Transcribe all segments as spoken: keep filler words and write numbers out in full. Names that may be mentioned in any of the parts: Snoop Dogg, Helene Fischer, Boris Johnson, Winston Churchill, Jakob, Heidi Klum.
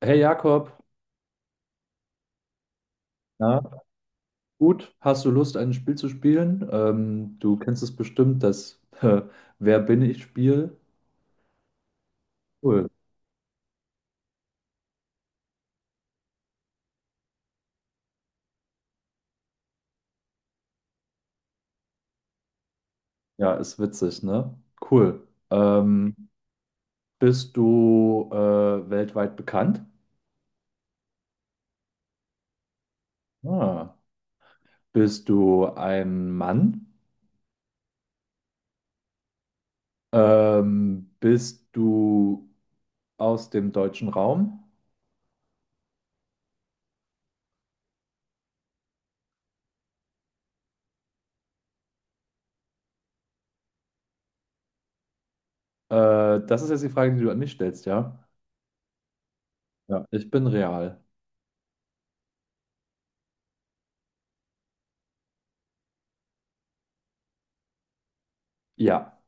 Hey Jakob, ja, gut, hast du Lust, ein Spiel zu spielen? Ähm, du kennst es bestimmt, das äh, Wer bin ich Spiel? Cool. Ja, ist witzig, ne? Cool. Ähm, bist du äh, weltweit bekannt? Ah. Bist du ein Mann? Ähm, bist du aus dem deutschen Raum? Äh, das ist jetzt die Frage, die du an mich stellst, ja? Ja. Ich bin real. Ja.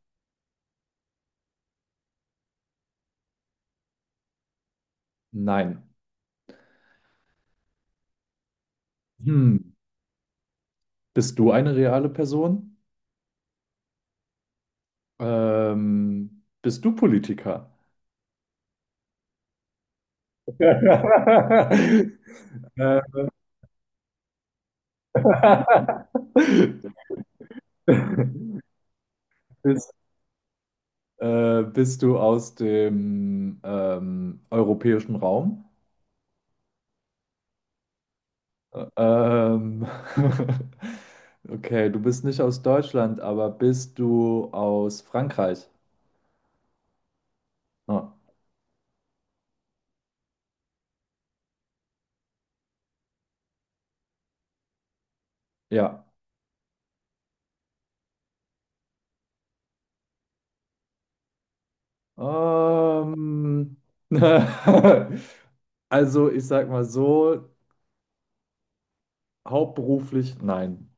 Nein. Hm. Bist du eine reale Person? Ähm, bist du Politiker? Äh, bist, äh, bist du aus dem ähm, europäischen Raum? Ähm, okay, du bist nicht aus Deutschland, aber bist du aus Frankreich? Ah, ja. Ähm, also ich sag mal so, hauptberuflich? Nein.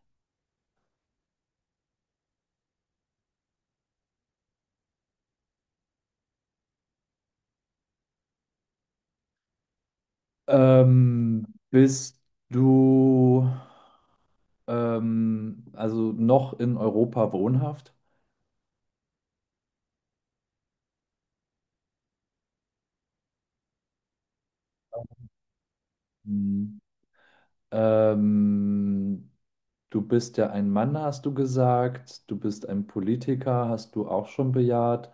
Ähm, bist du ähm, also noch in Europa wohnhaft? Hm. Ähm, du bist ja ein Mann, hast du gesagt. Du bist ein Politiker, hast du auch schon bejaht.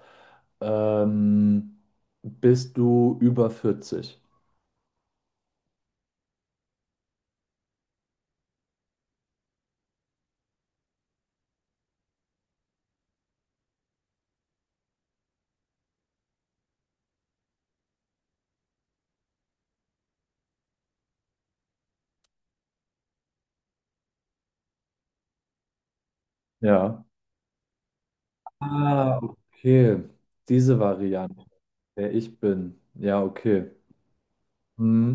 Ähm, bist du über vierzig? Ja. Ah, okay. Diese Variante, wer ich bin. Ja, okay. Hm.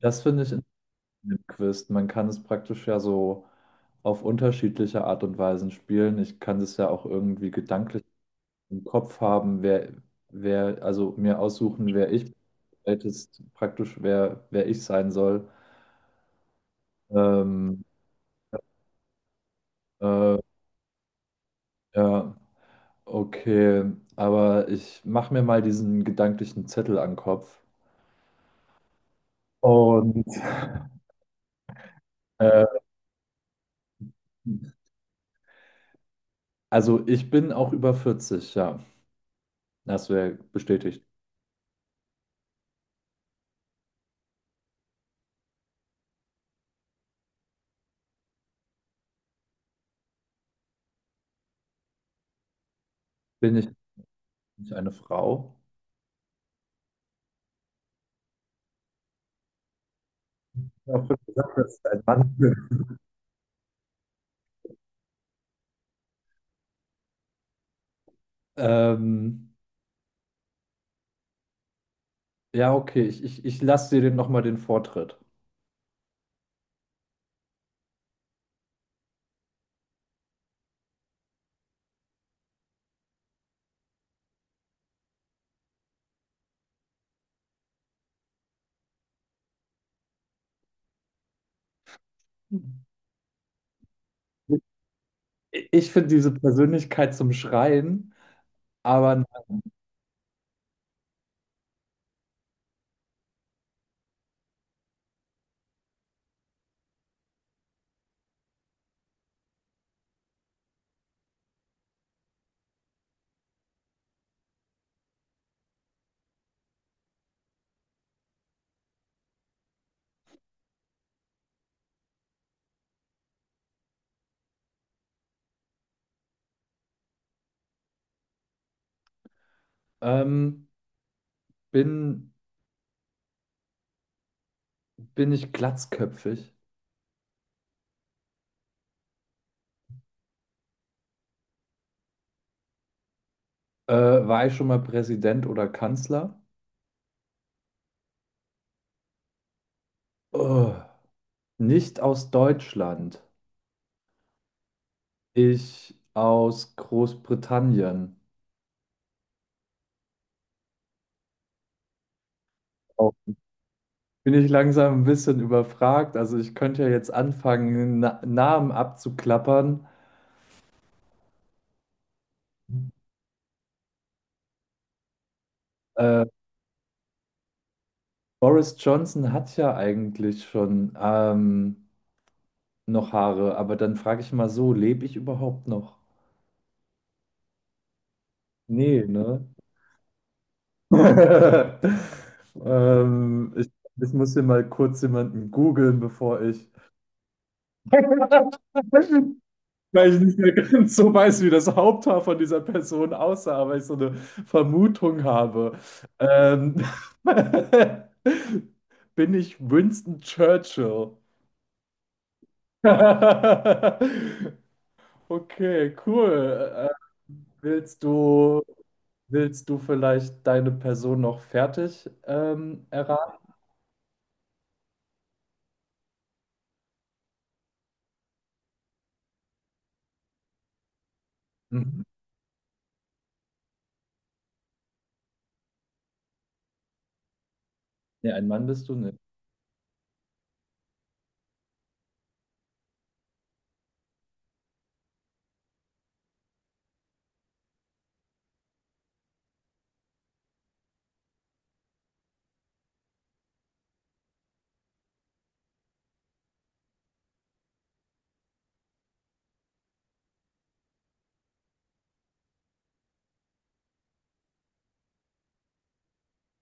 Das finde ich in dem Quiz. Man kann es praktisch ja so auf unterschiedliche Art und Weisen spielen. Ich kann es ja auch irgendwie gedanklich im Kopf haben, wer, wer, also mir aussuchen, wer ich bin. Ältest praktisch, wer, wer ich sein soll. Ähm, äh, ja, okay. Aber ich mache mir mal diesen gedanklichen Zettel an den Kopf. Und also ich bin auch über vierzig, ja. Das wäre bestätigt. Bin ich nicht eine Frau? Ich habe gesagt, dass ich ein Mann bin. Ähm, ja, okay. Ich, ich, ich lasse dir den nochmal den Vortritt. Ich finde diese Persönlichkeit zum Schreien, aber nein. Ähm, bin, bin ich glatzköpfig? Äh, war ich schon mal Präsident oder Kanzler? Oh, nicht aus Deutschland. Ich aus Großbritannien. Bin ich langsam ein bisschen überfragt. Also ich könnte ja jetzt anfangen, Na Namen abzuklappern. Äh, Boris Johnson hat ja eigentlich schon ähm, noch Haare, aber dann frage ich mal so, lebe ich überhaupt noch? Nee, ne? ähm, ich, ich muss hier mal kurz jemanden googeln, bevor ich weil ich nicht mehr ganz so weiß, wie das Haupthaar von dieser Person aussah, aber ich so eine Vermutung habe. Ähm, bin ich Winston Churchill? Okay, cool. Äh, willst du, willst du vielleicht deine Person noch fertig ähm, erraten? Mhm. Nee, ein Mann bist du nicht.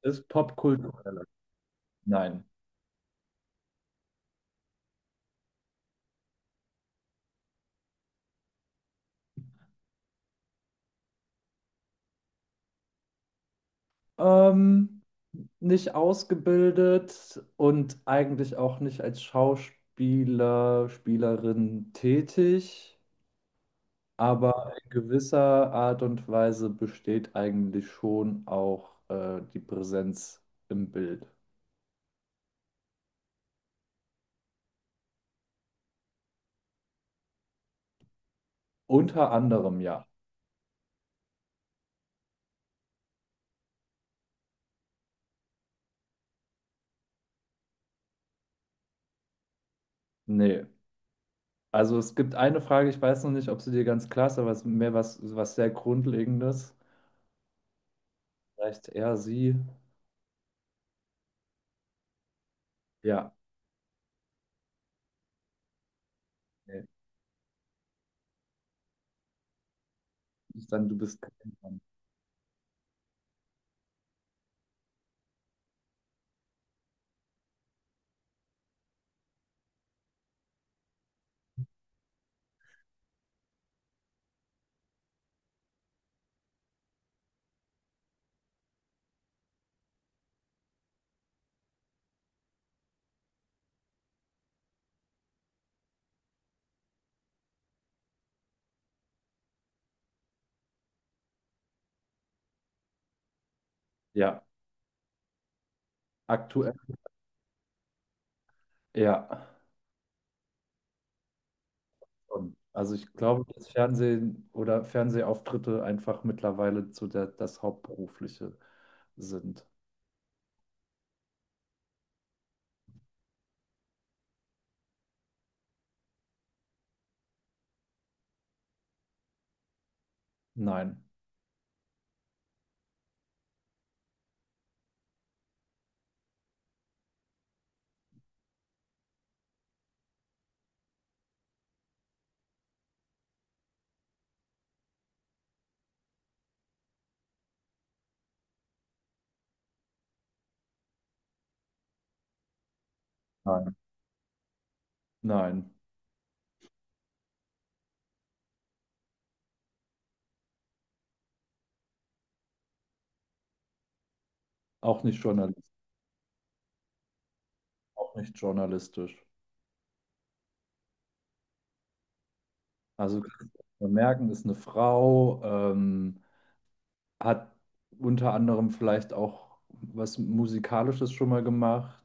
Ist popkulturell. Nein. Ähm, nicht ausgebildet und eigentlich auch nicht als Schauspieler, Spielerin tätig, aber in gewisser Art und Weise besteht eigentlich schon auch äh, die Präsenz im Bild. Unter anderem ja. Nee. Also es gibt eine Frage, ich weiß noch nicht, ob sie dir ganz klar ist, aber es ist mehr was, was sehr Grundlegendes. Vielleicht er, sie. Ja. Nee. Ist dann du bist kein Mann. Ja. Aktuell. Ja. Schon. Also ich glaube, dass Fernsehen oder Fernsehauftritte einfach mittlerweile zu der, das Hauptberufliche sind. Nein, nein, nein. Auch nicht Journalist, auch nicht journalistisch. Also wir merken, ist eine Frau, ähm, hat unter anderem vielleicht auch was Musikalisches schon mal gemacht.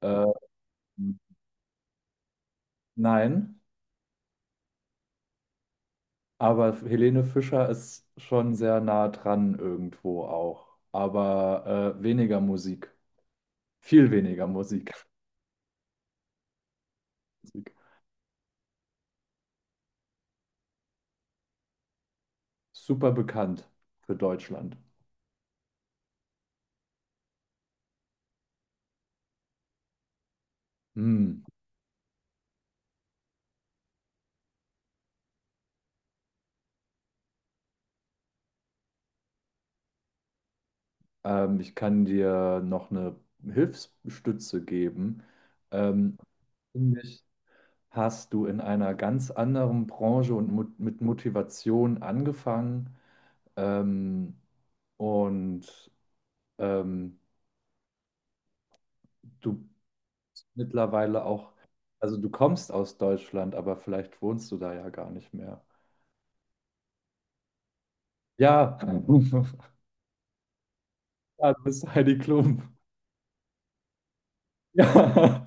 Ähm, nein, aber Helene Fischer ist schon sehr nah dran irgendwo auch, aber äh, weniger Musik. Viel weniger Musik. Musik. Super bekannt für Deutschland. Hm. Ähm, ich kann dir noch eine Hilfsstütze geben. Ähm, Nämlich hast du in einer ganz anderen Branche und mo mit Motivation angefangen ähm, und ähm, du mittlerweile auch, also du kommst aus Deutschland, aber vielleicht wohnst du da ja gar nicht mehr. Ja, ja du bist Heidi Klum. Ja.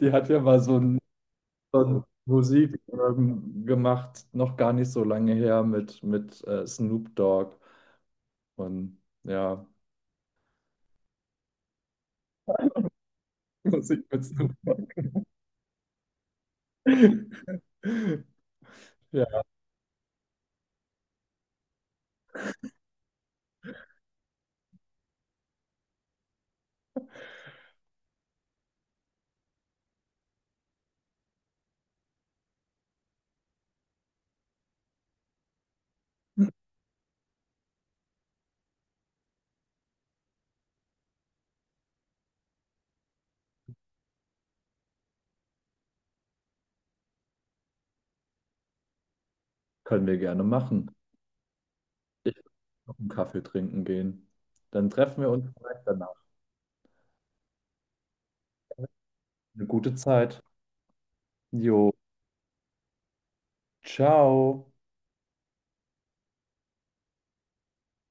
Die hat ja mal so ein, so ein Musik ähm, gemacht, noch gar nicht so lange her mit, mit äh, Snoop Dogg und ja, Musik mit Snoop Dogg. Ja, können wir gerne machen. Ich will noch einen Kaffee trinken gehen. Dann treffen wir uns vielleicht danach. Eine gute Zeit. Jo, ciao.